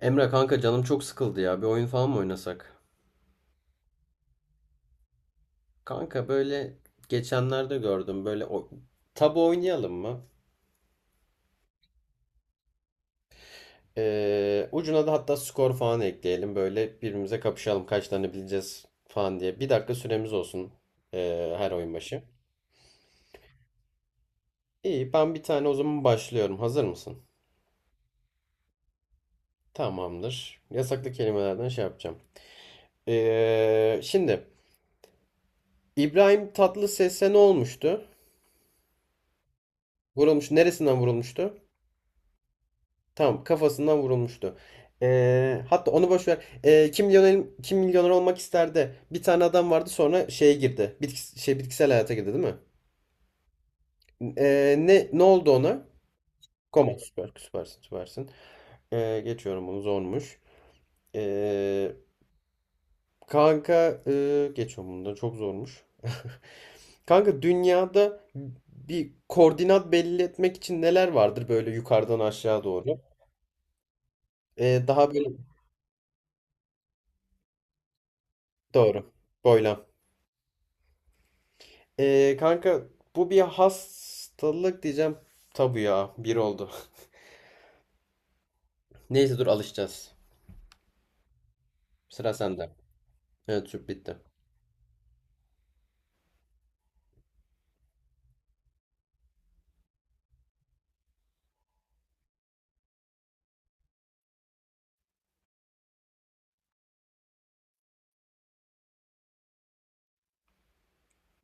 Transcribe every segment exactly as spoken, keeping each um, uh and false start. Emre kanka, canım çok sıkıldı ya. Bir oyun falan mı oynasak? Kanka böyle geçenlerde gördüm. Böyle o... tabu oynayalım mı? Ee, ucuna da hatta skor falan ekleyelim. Böyle birbirimize kapışalım. Kaç tane bileceğiz falan diye. Bir dakika süremiz olsun ee, her oyun başı. İyi, ben bir tane o zaman başlıyorum. Hazır mısın? Tamamdır. Yasaklı kelimelerden şey yapacağım. Ee, şimdi İbrahim Tatlıses'e ne olmuştu? Vurulmuş. Neresinden vurulmuştu? Tamam, kafasından vurulmuştu. Ee, hatta onu boş ver. Ee, kim milyoner, kim milyoner olmak isterdi? Bir tane adam vardı, sonra şeye girdi. Bitkis- şey bitkisel hayata girdi, değil mi? Ee, ne ne oldu ona? Koma. Süper, süpersin, süpersin. Ee, geçiyorum bunu, zormuş. Ee, Kanka e, geçiyorum bunu, çok zormuş. Kanka, dünyada bir koordinat belli etmek için neler vardır böyle yukarıdan aşağı doğru? Ee, daha böyle, doğru. Boylam. Ee, kanka, bu bir hastalık diyeceğim. Tabu ya bir oldu. Neyse, dur alışacağız. Sıra sende. Evet, süp bitti.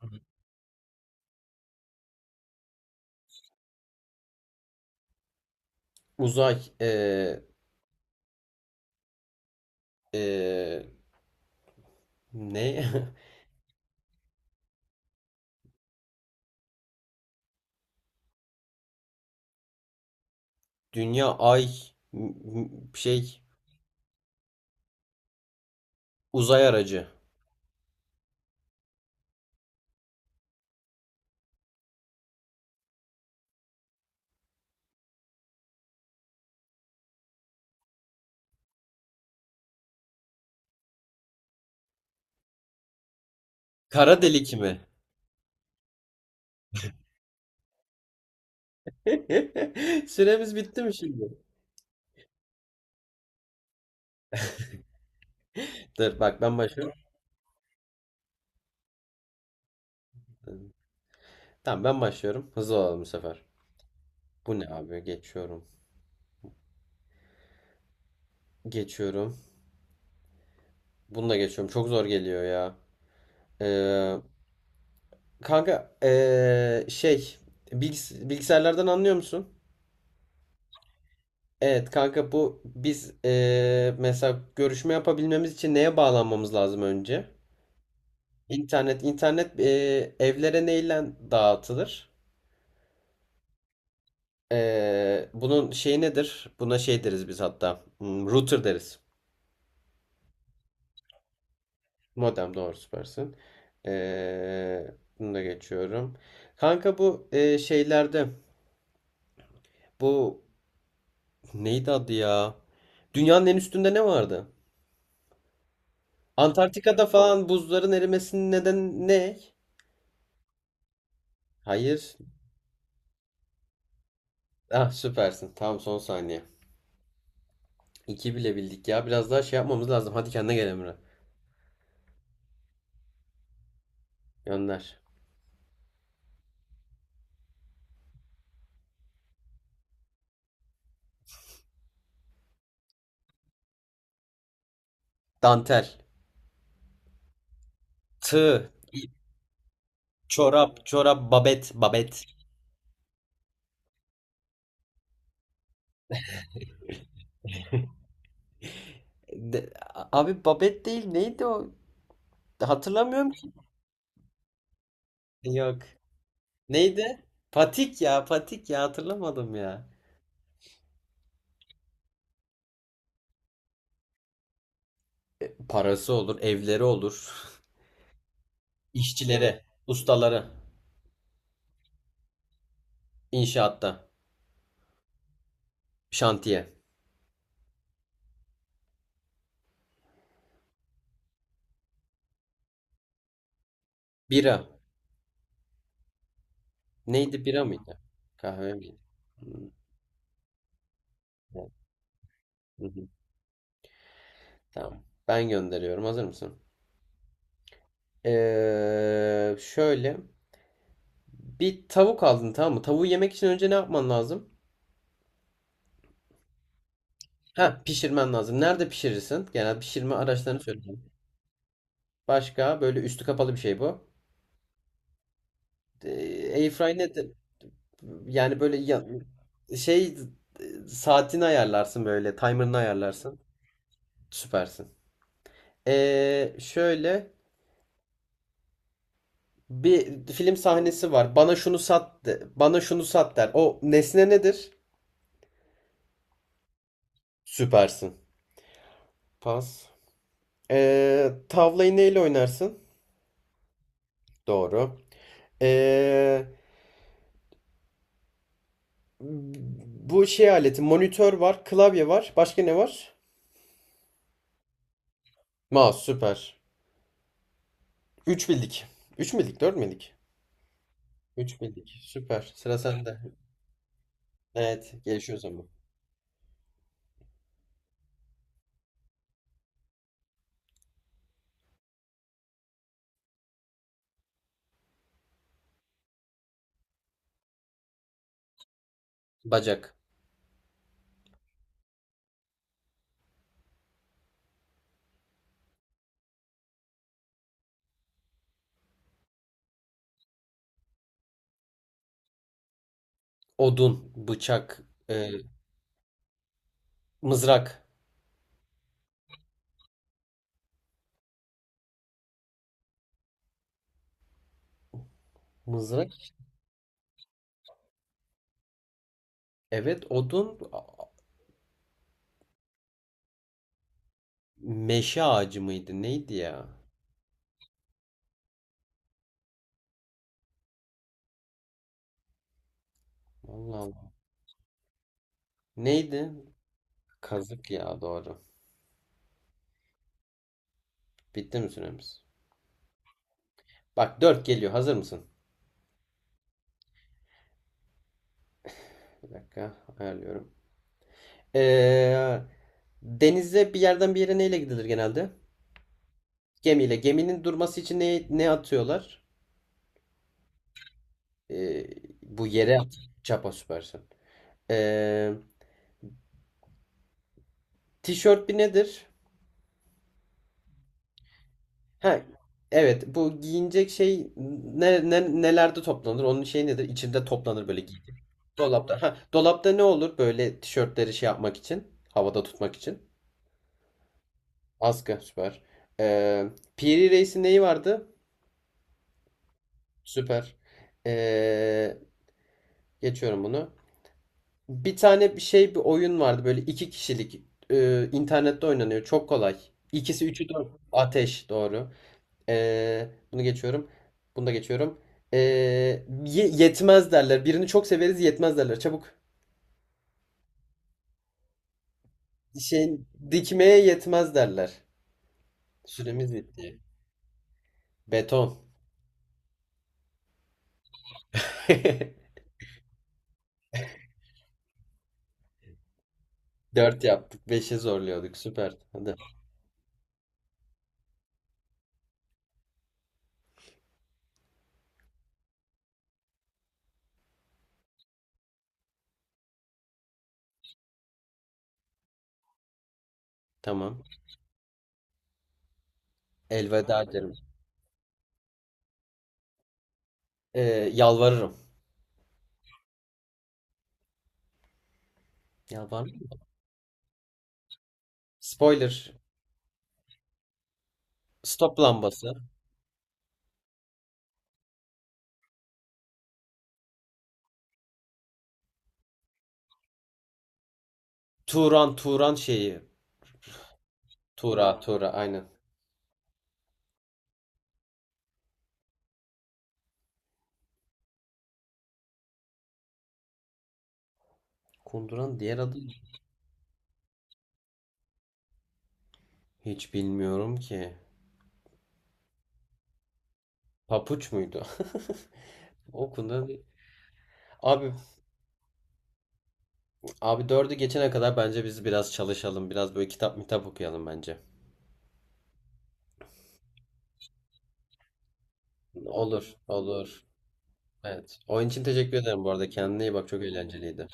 Hı hı. Uzay ee, ee, ne? Dünya, ay, m- m- şey uzay aracı. Kara delik mi? Süremiz bitti mi şimdi? Dur bak, ben başlıyorum. Tamam, ben başlıyorum. Hızlı olalım bu sefer. Bu ne abi? Geçiyorum. Geçiyorum. Bunu da geçiyorum. Çok zor geliyor ya. Kanka, eee, şey bilgis- bilgisayarlardan anlıyor musun? Evet kanka, bu biz eee, mesela görüşme yapabilmemiz için neye bağlanmamız lazım önce? İnternet internet eee, evlere neyle dağıtılır? Eee, bunun şeyi nedir? Buna şey deriz biz, hatta Hmm, router deriz. Modem, doğru, süpersin. Eee bunu da geçiyorum. Kanka bu eee, şeylerde, bu neydi adı ya? Dünyanın en üstünde ne vardı? Antarktika'da falan buzların erimesinin nedeni ne? Hayır. Ah, süpersin. Tamam, son saniye. İki bile bildik ya. Biraz daha şey yapmamız lazım. Hadi kendine gel, Emre. Gönder. Dantel. Tığ. İp. Çorap. Çorap. Babet. Babet. De- Abi, babet değil. Neydi o? Hatırlamıyorum ki. Yok. Neydi? Patik ya. Patik ya. Hatırlamadım ya. Parası olur. Evleri olur. İşçilere. Ustaları. İnşaatta. Şantiye. Bira. Neydi, bira mıydı? Kahve miydi? Hmm, evet. Hı hı. Tamam. Ben gönderiyorum. Hazır mısın? Ee, şöyle. Bir tavuk aldın, tamam mı? Tavuğu yemek için önce ne yapman lazım? Ha, pişirmen lazım. Nerede pişirirsin? Genel pişirme araçlarını söyleyeceğim. Başka, böyle üstü kapalı bir şey bu. Ee, Airfry nedir? Yani böyle ya- şey, e, saatini ayarlarsın böyle. Timer'ını ayarlarsın. Süpersin. Ee, şöyle, bir film sahnesi var. Bana şunu sat de, bana şunu sat der. O nesne nedir? Süpersin. Pas. Ee, tavlayı neyle oynarsın? Doğru. Ee, Bu şey aleti, monitör var, klavye var. Başka ne var? Mouse, süper. Üç bildik. Üç bildik, dört bildik. Üç bildik. Süper. Sıra sende. Evet, gelişiyor zaman. Bacak, odun, bıçak, e, mızrak. Mızrak? Evet, odun. Meşe ağacı mıydı? Neydi ya? Allah Allah. Neydi? Kazık ya, doğru. Bitti mi süremiz? Bak, dört geliyor. Hazır mısın? Bir dakika ayarlıyorum. Ee, Denize bir yerden bir yere neyle gidilir genelde? Gemiyle. Geminin durması için ne, ne atıyorlar? Ee, Bu yere at. Çapa, süpersin. Ee, Tişört bir nedir? Ha, evet, bu giyinecek şey ne, ne- nelerde toplanır? Onun şey nedir? İçinde toplanır böyle. Dolapta. Ha, dolapta ne olur böyle tişörtleri şey yapmak için? Havada tutmak için. Askı, süper. Ee, Piri Reis'in neyi vardı? Süper. Ee, Geçiyorum bunu. Bir tane bir şey, bir oyun vardı böyle iki kişilik. Ee, internette oynanıyor. Çok kolay. İkisi üçü dört. Ateş, doğru. Ee, bunu geçiyorum. Bunu da geçiyorum. Ee, ye- Yetmez derler. Birini çok severiz, yetmez derler. Çabuk. Şey, dikmeye yetmez derler. Süremiz bitti. Beton. Dört yaptık. Beşe zorluyorduk. Süper. Hadi. Tamam. Elveda derim. Ee, Yalvarırım. Yalvar. Spoiler. Stop lambası. Turan Turan şeyi. Tura Tura, aynen. Kunduran diğer adı ne? Hiç bilmiyorum ki. Papuç muydu? O kunduran değil. Abi abi, dördü geçene kadar bence biz biraz çalışalım. Biraz böyle kitap mitap okuyalım bence. Olur, olur. Evet. Oyun için teşekkür ederim bu arada. Kendine iyi bak. Çok eğlenceliydi.